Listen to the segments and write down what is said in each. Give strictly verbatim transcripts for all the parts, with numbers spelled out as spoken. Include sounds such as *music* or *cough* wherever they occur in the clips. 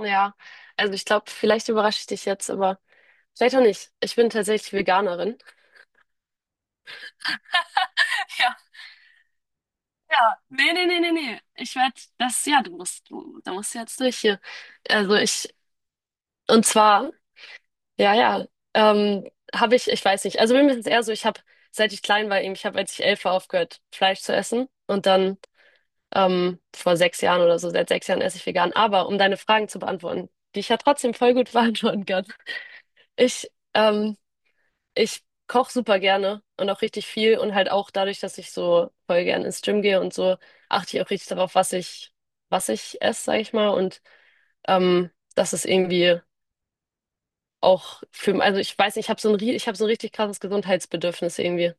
Ja, also ich glaube, vielleicht überrasche ich dich jetzt, aber vielleicht auch nicht. Ich bin tatsächlich Veganerin. *laughs* Ja, ja. Nee, nee, nee, nee, nee. Ich werde das, ja, du musst, du, da musst du jetzt durch hier. Also ich, und zwar, ja, ja, ähm, habe ich, ich weiß nicht. Also bei mir ist es eher so, ich habe, seit ich klein war, eben, ich habe, als ich elf war, aufgehört, Fleisch zu essen. Und dann, ähm, vor sechs Jahren oder so, seit sechs Jahren esse ich vegan. Aber um deine Fragen zu beantworten, die ich ja trotzdem voll gut *laughs* beantworten kann. Ich, ähm, Ich koche super gerne und auch richtig viel und halt auch dadurch, dass ich so voll gerne ins Gym gehe und so, achte ich auch richtig darauf, was ich, was ich esse, sag ich mal. Und ähm, das ist irgendwie auch für, also ich weiß nicht, ich habe so ein, rie- ich habe so ein richtig krasses Gesundheitsbedürfnis irgendwie,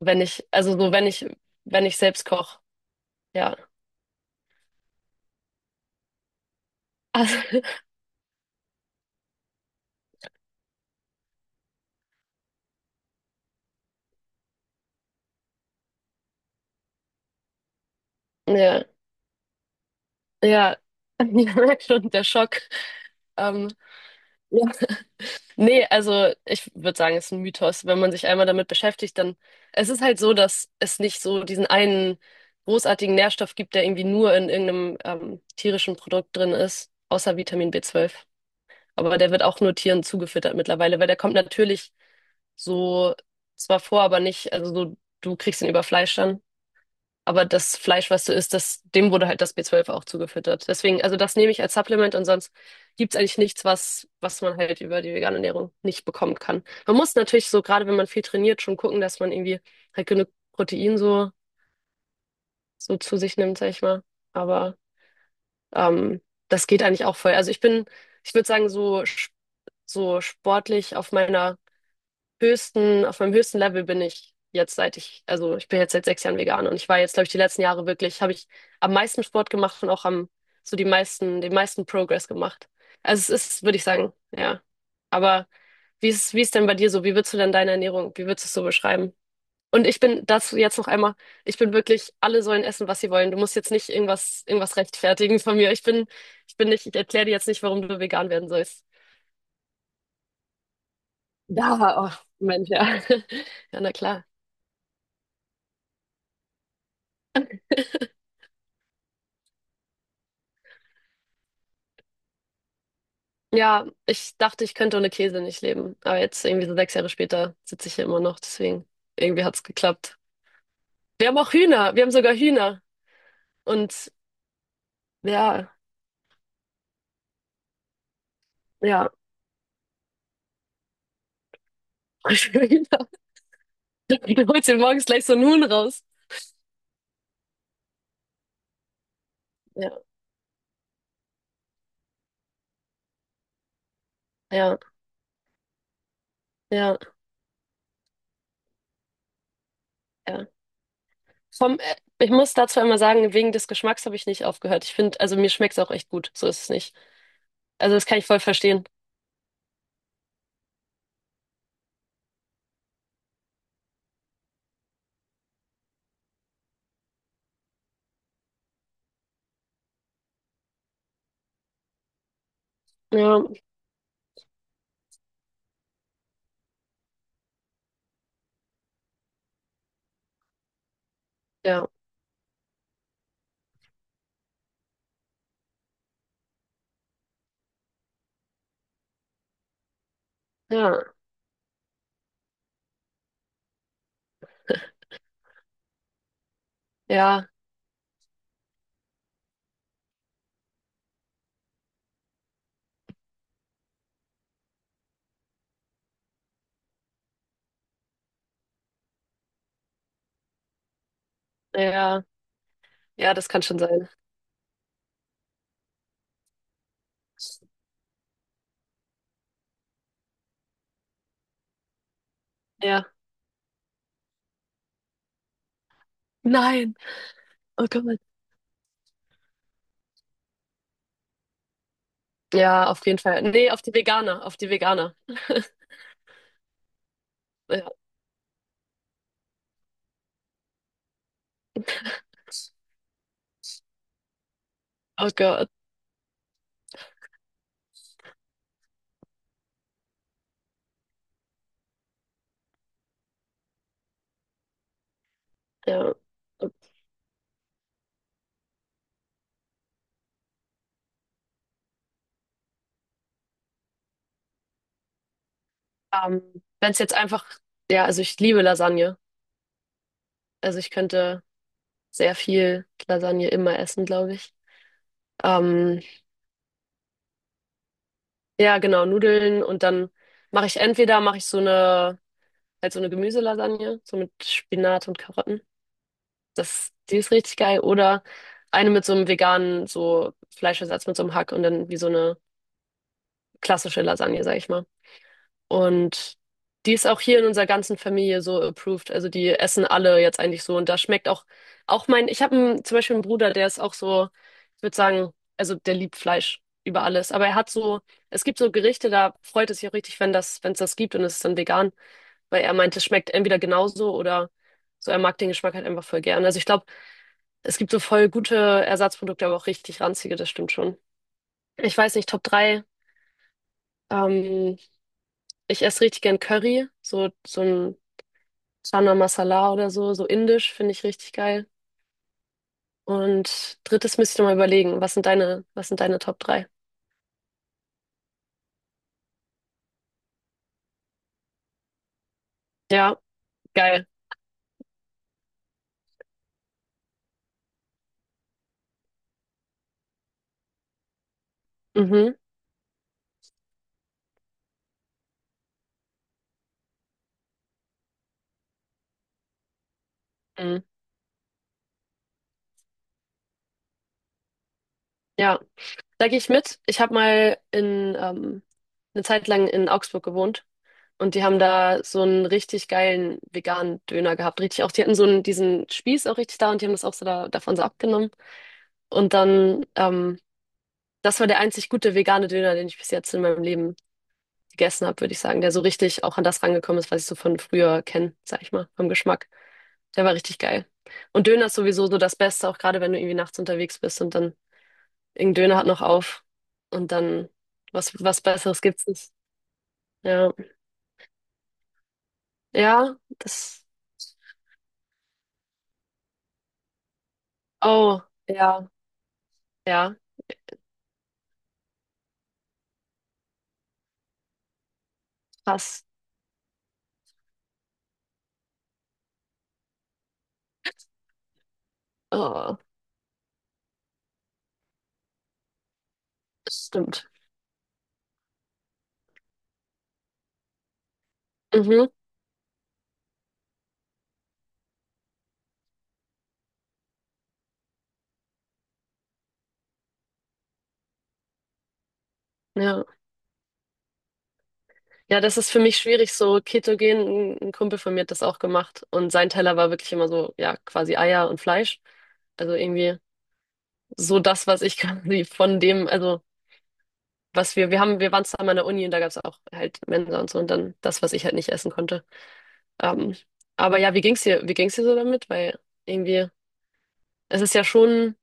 wenn ich, also so wenn ich, wenn ich selbst koche, ja. Also, *laughs* ja, ja, *laughs* ich merke schon, der Schock. Ähm, *laughs* Nee, also ich würde sagen, es ist ein Mythos. Wenn man sich einmal damit beschäftigt, dann es ist halt so, dass es nicht so diesen einen großartigen Nährstoff gibt, der irgendwie nur in irgendeinem ähm, tierischen Produkt drin ist, außer Vitamin B zwölf. Aber der wird auch nur Tieren zugefüttert mittlerweile, weil der kommt natürlich so zwar vor, aber nicht, also so, du kriegst ihn über Fleisch dann. Aber das Fleisch, was du isst, das, dem wurde halt das b zwölf auch zugefüttert. Deswegen, also das nehme ich als Supplement und sonst gibt's eigentlich nichts, was, was man halt über die vegane Ernährung nicht bekommen kann. Man muss natürlich so, gerade wenn man viel trainiert, schon gucken, dass man irgendwie halt genug Protein so, so zu sich nimmt, sag ich mal. Aber ähm, das geht eigentlich auch voll. Also ich bin, ich würde sagen, so, sch- so sportlich auf meiner höchsten, auf meinem höchsten Level bin ich jetzt seit ich, also ich bin jetzt seit sechs Jahren vegan und ich war jetzt, glaube ich, die letzten Jahre wirklich, habe ich am meisten Sport gemacht und auch am, so die meisten, den meisten Progress gemacht. Also es ist, würde ich sagen, ja. Aber wie ist, wie ist denn bei dir so? Wie würdest du denn deine Ernährung, wie würdest du es so beschreiben? Und ich bin dazu jetzt noch einmal, ich bin wirklich, alle sollen essen, was sie wollen. Du musst jetzt nicht irgendwas, irgendwas rechtfertigen von mir. Ich bin, ich bin nicht, ich erkläre dir jetzt nicht, warum du vegan werden sollst. Ja, oh, Mensch, ja. *laughs* Ja, na klar. Ja, ich dachte, ich könnte ohne Käse nicht leben. Aber jetzt irgendwie so sechs Jahre später sitze ich hier immer noch. Deswegen, irgendwie hat's geklappt. Wir haben auch Hühner. Wir haben sogar Hühner. Und ja, ja, *laughs* Hühner. Du holst dir morgens gleich so einen Huhn raus. Ja, ja, ja, ja. Vom, äh, ich muss dazu einmal sagen, wegen des Geschmacks habe ich nicht aufgehört. Ich finde, also mir schmeckt's auch echt gut. So ist es nicht. Also das kann ich voll verstehen. Ja, ja, ja, ja, ja, ja, das kann schon sein. Ja. Nein. Oh Gott. Ja, auf jeden Fall. Nee, auf die Veganer, auf die Veganer. Ja, oh Gott, ja. Ähm, wenn es jetzt einfach, ja, also ich liebe Lasagne. Also ich könnte sehr viel Lasagne immer essen, glaube ich. Ähm, ja, genau, Nudeln und dann mache ich entweder mache ich so eine halt so eine Gemüselasagne, so mit Spinat und Karotten. Das, die ist richtig geil. Oder eine mit so einem veganen so Fleischersatz mit so einem Hack und dann wie so eine klassische Lasagne, sag ich mal. Und die ist auch hier in unserer ganzen Familie so approved. Also die essen alle jetzt eigentlich so. Und da schmeckt auch, auch mein, ich habe zum Beispiel einen Bruder, der ist auch so, ich würde sagen, also der liebt Fleisch über alles. Aber er hat so, es gibt so Gerichte, da freut es sich auch richtig, wenn das, wenn es das gibt und es ist dann vegan, weil er meint, es schmeckt entweder genauso oder so, er mag den Geschmack halt einfach voll gern. Also ich glaube, es gibt so voll gute Ersatzprodukte, aber auch richtig ranzige, das stimmt schon. Ich weiß nicht, Top drei. Ähm, ich esse richtig gern Curry, so, so ein Chana Masala oder so, so indisch, finde ich richtig geil. Und drittes müsste ich noch mal überlegen, was sind deine, was sind deine Top drei? Ja, geil. Mhm. Mhm. Ja, da gehe ich mit. Ich habe mal in ähm, eine Zeit lang in Augsburg gewohnt und die haben da so einen richtig geilen veganen Döner gehabt. Richtig auch, die hatten so einen, diesen Spieß auch richtig da und die haben das auch so da, davon so abgenommen. Und dann, ähm, das war der einzig gute vegane Döner, den ich bis jetzt in meinem Leben gegessen habe, würde ich sagen, der so richtig auch an das rangekommen ist, was ich so von früher kenne, sag ich mal, vom Geschmack. Der war richtig geil. Und Döner ist sowieso so das Beste, auch gerade wenn du irgendwie nachts unterwegs bist und dann irgendein Döner hat noch auf und dann was, was Besseres gibt's nicht. Ja, ja, das. Oh, ja, ja, krass. Oh, das stimmt. Mhm, ja. Ja, das ist für mich schwierig, so ketogen. Ein ein Kumpel von mir hat das auch gemacht und sein Teller war wirklich immer so, ja, quasi Eier und Fleisch. Also irgendwie. So das, was ich *laughs* quasi von dem, also was wir, wir haben, wir waren zusammen an der Uni und da gab es auch halt Mensa und so und dann das, was ich halt nicht essen konnte. Ähm, aber ja, wie ging's dir, wie ging's dir so damit? Weil irgendwie, es ist ja schon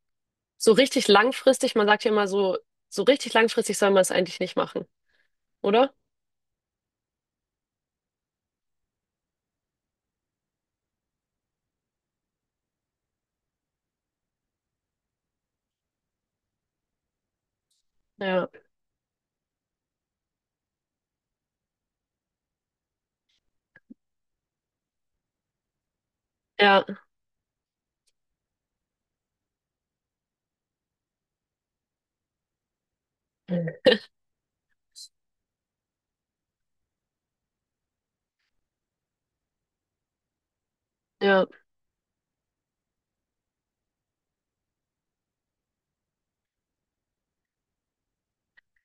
so richtig langfristig, man sagt ja immer so, so richtig langfristig soll man es eigentlich nicht machen, oder? Ja, ja, ja.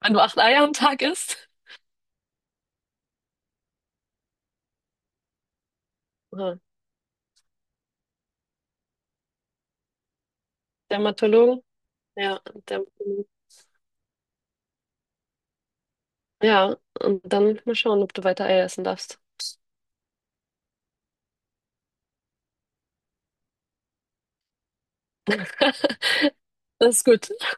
Wenn du acht Eier am Tag isst, aha. Dermatologen, ja, Dermatologen. Ja, und dann mal schauen, ob du weiter Eier essen darfst. *laughs* Das ist gut.